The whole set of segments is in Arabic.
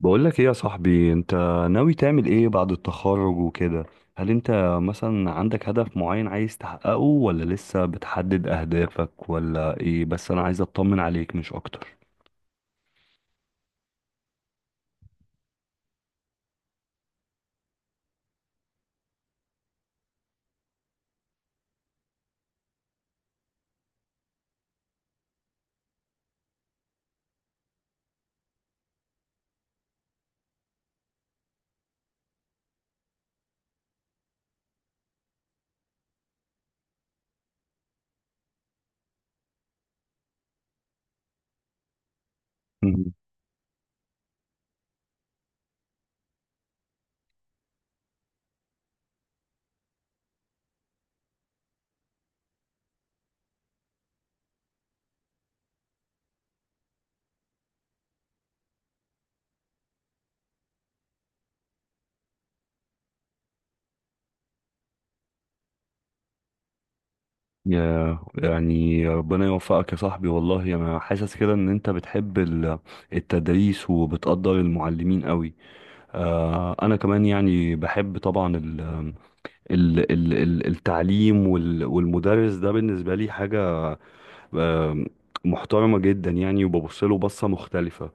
بقولك ايه يا صاحبي؟ انت ناوي تعمل ايه بعد التخرج وكده؟ هل انت مثلا عندك هدف معين عايز تحققه، ولا لسه بتحدد اهدافك، ولا ايه؟ بس انا عايز اطمن عليك مش اكتر. مم. يا يعني ربنا يوفقك يا صاحبي، والله انا حاسس كده ان انت بتحب التدريس وبتقدر المعلمين قوي. آه، انا كمان يعني بحب طبعا التعليم والمدرس ده بالنسبة لي حاجة، آم، محترمة جدا يعني، وببص له بصة مختلفة.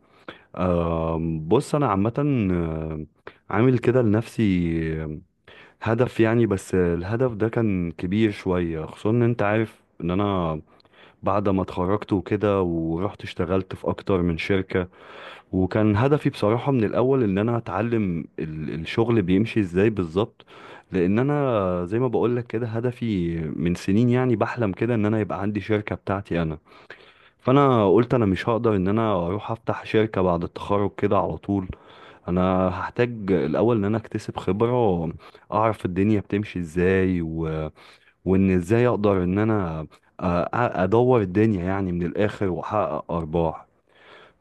بص، أنا عامة عامل كده لنفسي آم، هدف، يعني بس الهدف ده كان كبير شوية، خصوصا إن أنت عارف إن أنا بعد ما اتخرجت وكده ورحت اشتغلت في أكتر من شركة. وكان هدفي بصراحة من الأول إن أنا أتعلم الشغل بيمشي إزاي بالظبط، لأن أنا زي ما بقولك كده هدفي من سنين، يعني بحلم كده إن أنا يبقى عندي شركة بتاعتي أنا. فانا قلت انا مش هقدر ان انا اروح افتح شركة بعد التخرج كده على طول، انا هحتاج الاول ان انا اكتسب خبرة، اعرف الدنيا بتمشي ازاي وان ازاي اقدر ان انا أ- ادور الدنيا يعني من الاخر واحقق ارباح.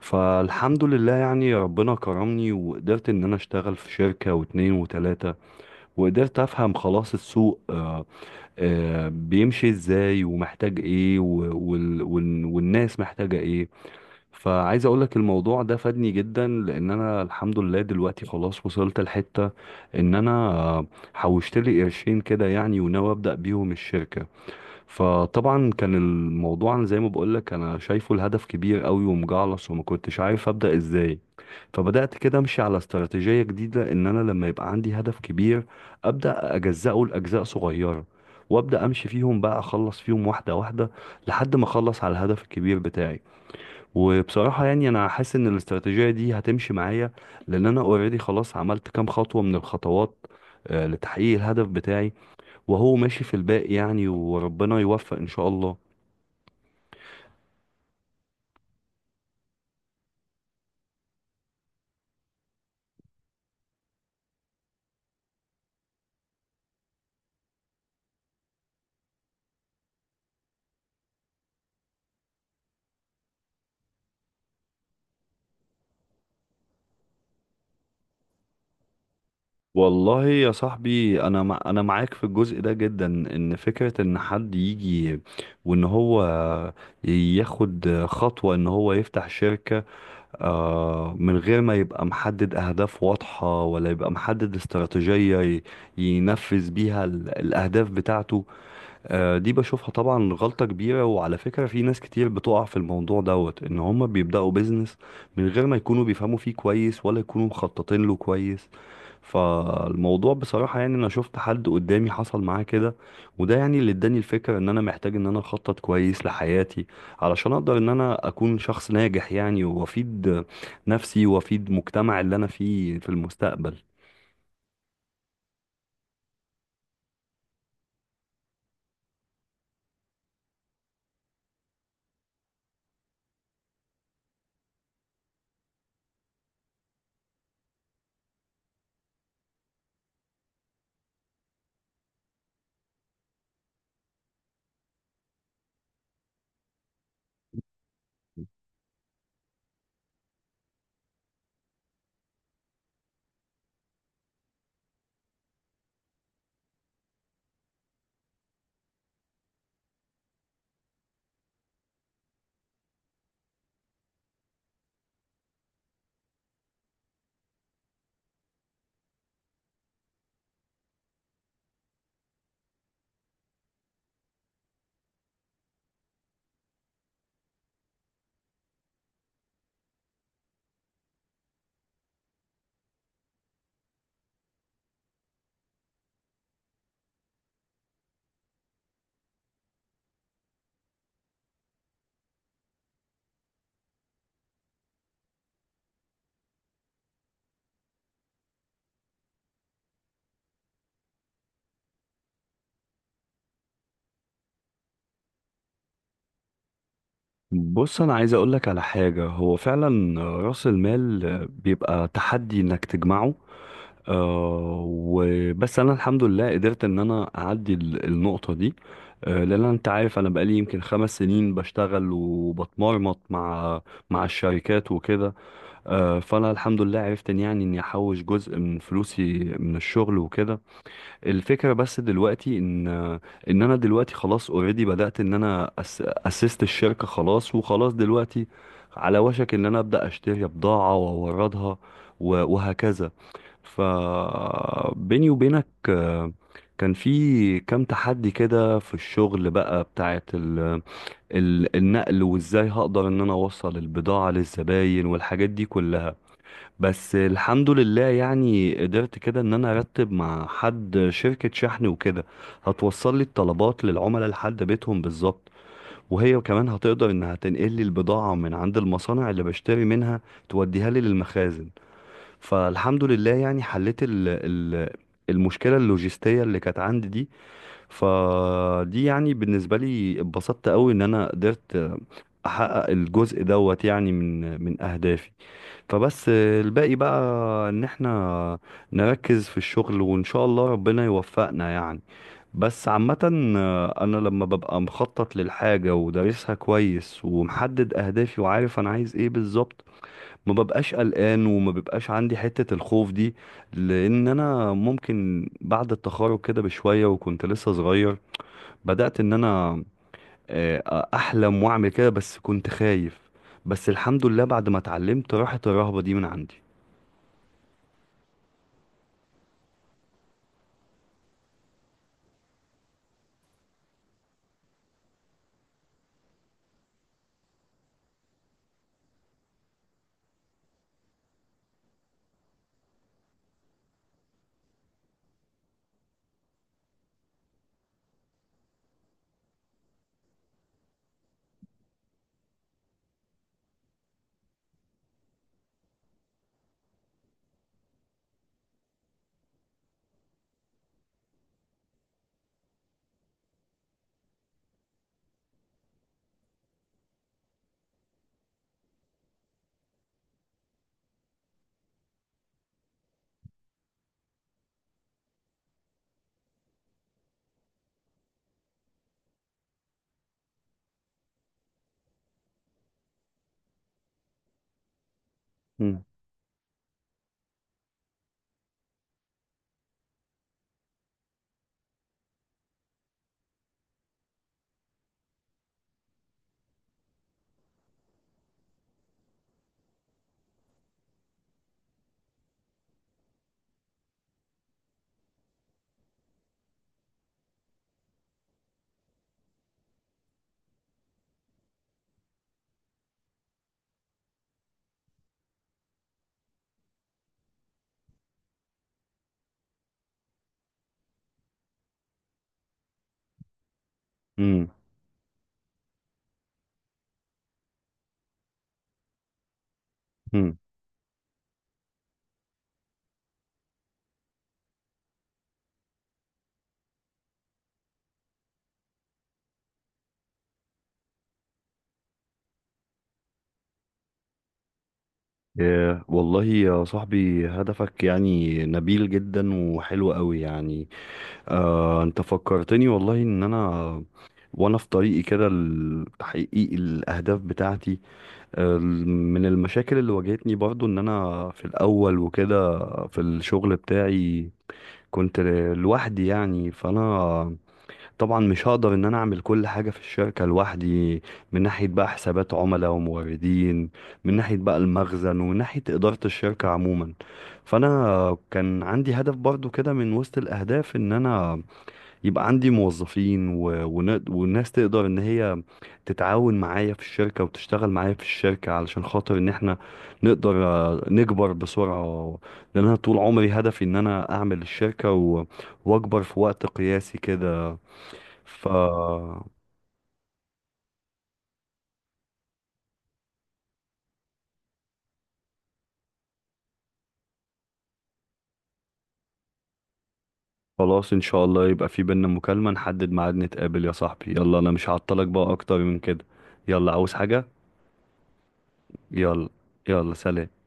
فالحمد لله يعني ربنا كرمني، وقدرت ان انا اشتغل في شركة واتنين وتلاتة، وقدرت افهم خلاص السوق بيمشي ازاي ومحتاج ايه، والناس محتاجة ايه. فعايز اقول لك الموضوع ده فادني جدا، لان انا الحمد لله دلوقتي خلاص وصلت لحتة ان انا حوشت لي قرشين كده يعني، وناوي ابدا بيهم الشركة. فطبعا كان الموضوع، أنا زي ما بقول لك، انا شايفه الهدف كبير قوي ومجعلص وما كنتش عارف ابدا ازاي. فبدات كده امشي على استراتيجية جديدة، ان انا لما يبقى عندي هدف كبير ابدا اجزأه لاجزاء صغيرة، وابدا امشي فيهم بقى، اخلص فيهم واحدة واحدة، لحد ما اخلص على الهدف الكبير بتاعي. وبصراحة يعني أنا حاسس إن الاستراتيجية دي هتمشي معايا، لأن أنا أوريدي خلاص عملت كام خطوة من الخطوات لتحقيق الهدف بتاعي، وهو ماشي في الباقي يعني، وربنا يوفق إن شاء الله. والله يا صاحبي، أنا معاك في الجزء ده جدا، إن فكرة إن حد يجي وإن هو ياخد خطوة إن هو يفتح شركة من غير ما يبقى محدد أهداف واضحة، ولا يبقى محدد استراتيجية ينفذ بيها الأهداف بتاعته، دي بشوفها طبعا غلطة كبيرة. وعلى فكرة، في ناس كتير بتقع في الموضوع دوت، إن هما بيبدأوا بيزنس من غير ما يكونوا بيفهموا فيه كويس، ولا يكونوا مخططين له كويس. فالموضوع بصراحة يعني، أنا شفت حد قدامي حصل معاه كده، وده يعني اللي اداني الفكرة إن أنا محتاج إن أنا أخطط كويس لحياتي، علشان أقدر إن أنا أكون شخص ناجح يعني، وأفيد نفسي وأفيد مجتمع اللي أنا فيه في المستقبل. بص، أنا عايز أقولك على حاجة، هو فعلا رأس المال بيبقى تحدي إنك تجمعه، آه، وبس انا الحمد لله قدرت ان انا اعدي النقطة دي. آه، لان انت عارف انا بقالي يمكن خمس سنين بشتغل وبتمرمط مع مع الشركات وكده. آه، فانا الحمد لله عرفت ان يعني اني احوش جزء من فلوسي من الشغل وكده. الفكرة بس دلوقتي ان ان انا دلوقتي خلاص اوريدي بدأت ان انا اسست الشركة خلاص، وخلاص دلوقتي على وشك ان انا ابدأ اشتري بضاعة واوردها وهكذا. فبيني وبينك كان في كام تحدي كده في الشغل، بقى بتاعت النقل وازاي هقدر ان انا اوصل البضاعة للزباين والحاجات دي كلها. بس الحمد لله يعني قدرت كده ان انا ارتب مع حد شركة شحن وكده، هتوصل لي الطلبات للعملاء لحد بيتهم بالظبط، وهي كمان هتقدر انها تنقل لي البضاعة من عند المصانع اللي بشتري منها، توديها لي للمخازن. فالحمد لله يعني حليت ال ال المشكلة اللوجستية اللي كانت عندي دي. فدي يعني بالنسبة لي اتبسطت قوي ان انا قدرت احقق الجزء دوت يعني من اهدافي. فبس الباقي بقى ان احنا نركز في الشغل، وان شاء الله ربنا يوفقنا يعني. بس عامة، انا لما ببقى مخطط للحاجة ودارسها كويس ومحدد اهدافي وعارف انا عايز ايه بالظبط، ما ببقاش قلقان وما ببقاش عندي حتة الخوف دي. لان انا ممكن بعد التخرج كده بشوية، وكنت لسه صغير، بدأت ان انا احلم واعمل كده، بس كنت خايف. بس الحمد لله بعد ما اتعلمت راحت الرهبة دي من عندي. مم. مم. مم. آه، والله يا صاحبي، هدفك يعني نبيل جدا وحلو قوي يعني. آه، انت فكرتني والله ان انا، وانا في طريقي كده لتحقيق الاهداف بتاعتي، من المشاكل اللي واجهتني برضو ان انا في الاول وكده، في الشغل بتاعي كنت لوحدي يعني. فانا طبعا مش هقدر ان انا اعمل كل حاجة في الشركة لوحدي، من ناحية بقى حسابات عملاء وموردين، من ناحية بقى المخزن، ومن ناحية إدارة الشركة عموما. فانا كان عندي هدف برضو كده من وسط الاهداف، ان انا يبقى عندي موظفين والناس تقدر ان هي تتعاون معايا في الشركة وتشتغل معايا في الشركة، علشان خاطر ان احنا نقدر نكبر بسرعة. لان انا طول عمري هدفي ان انا اعمل الشركة واكبر في وقت قياسي كده. ف خلاص ان شاء الله، يبقى في بينا مكالمة نحدد ميعاد نتقابل يا صاحبي. يلا، انا مش هعطلك بقى اكتر من كده. يلا، عاوز حاجة؟ يلا. يلا، سلام.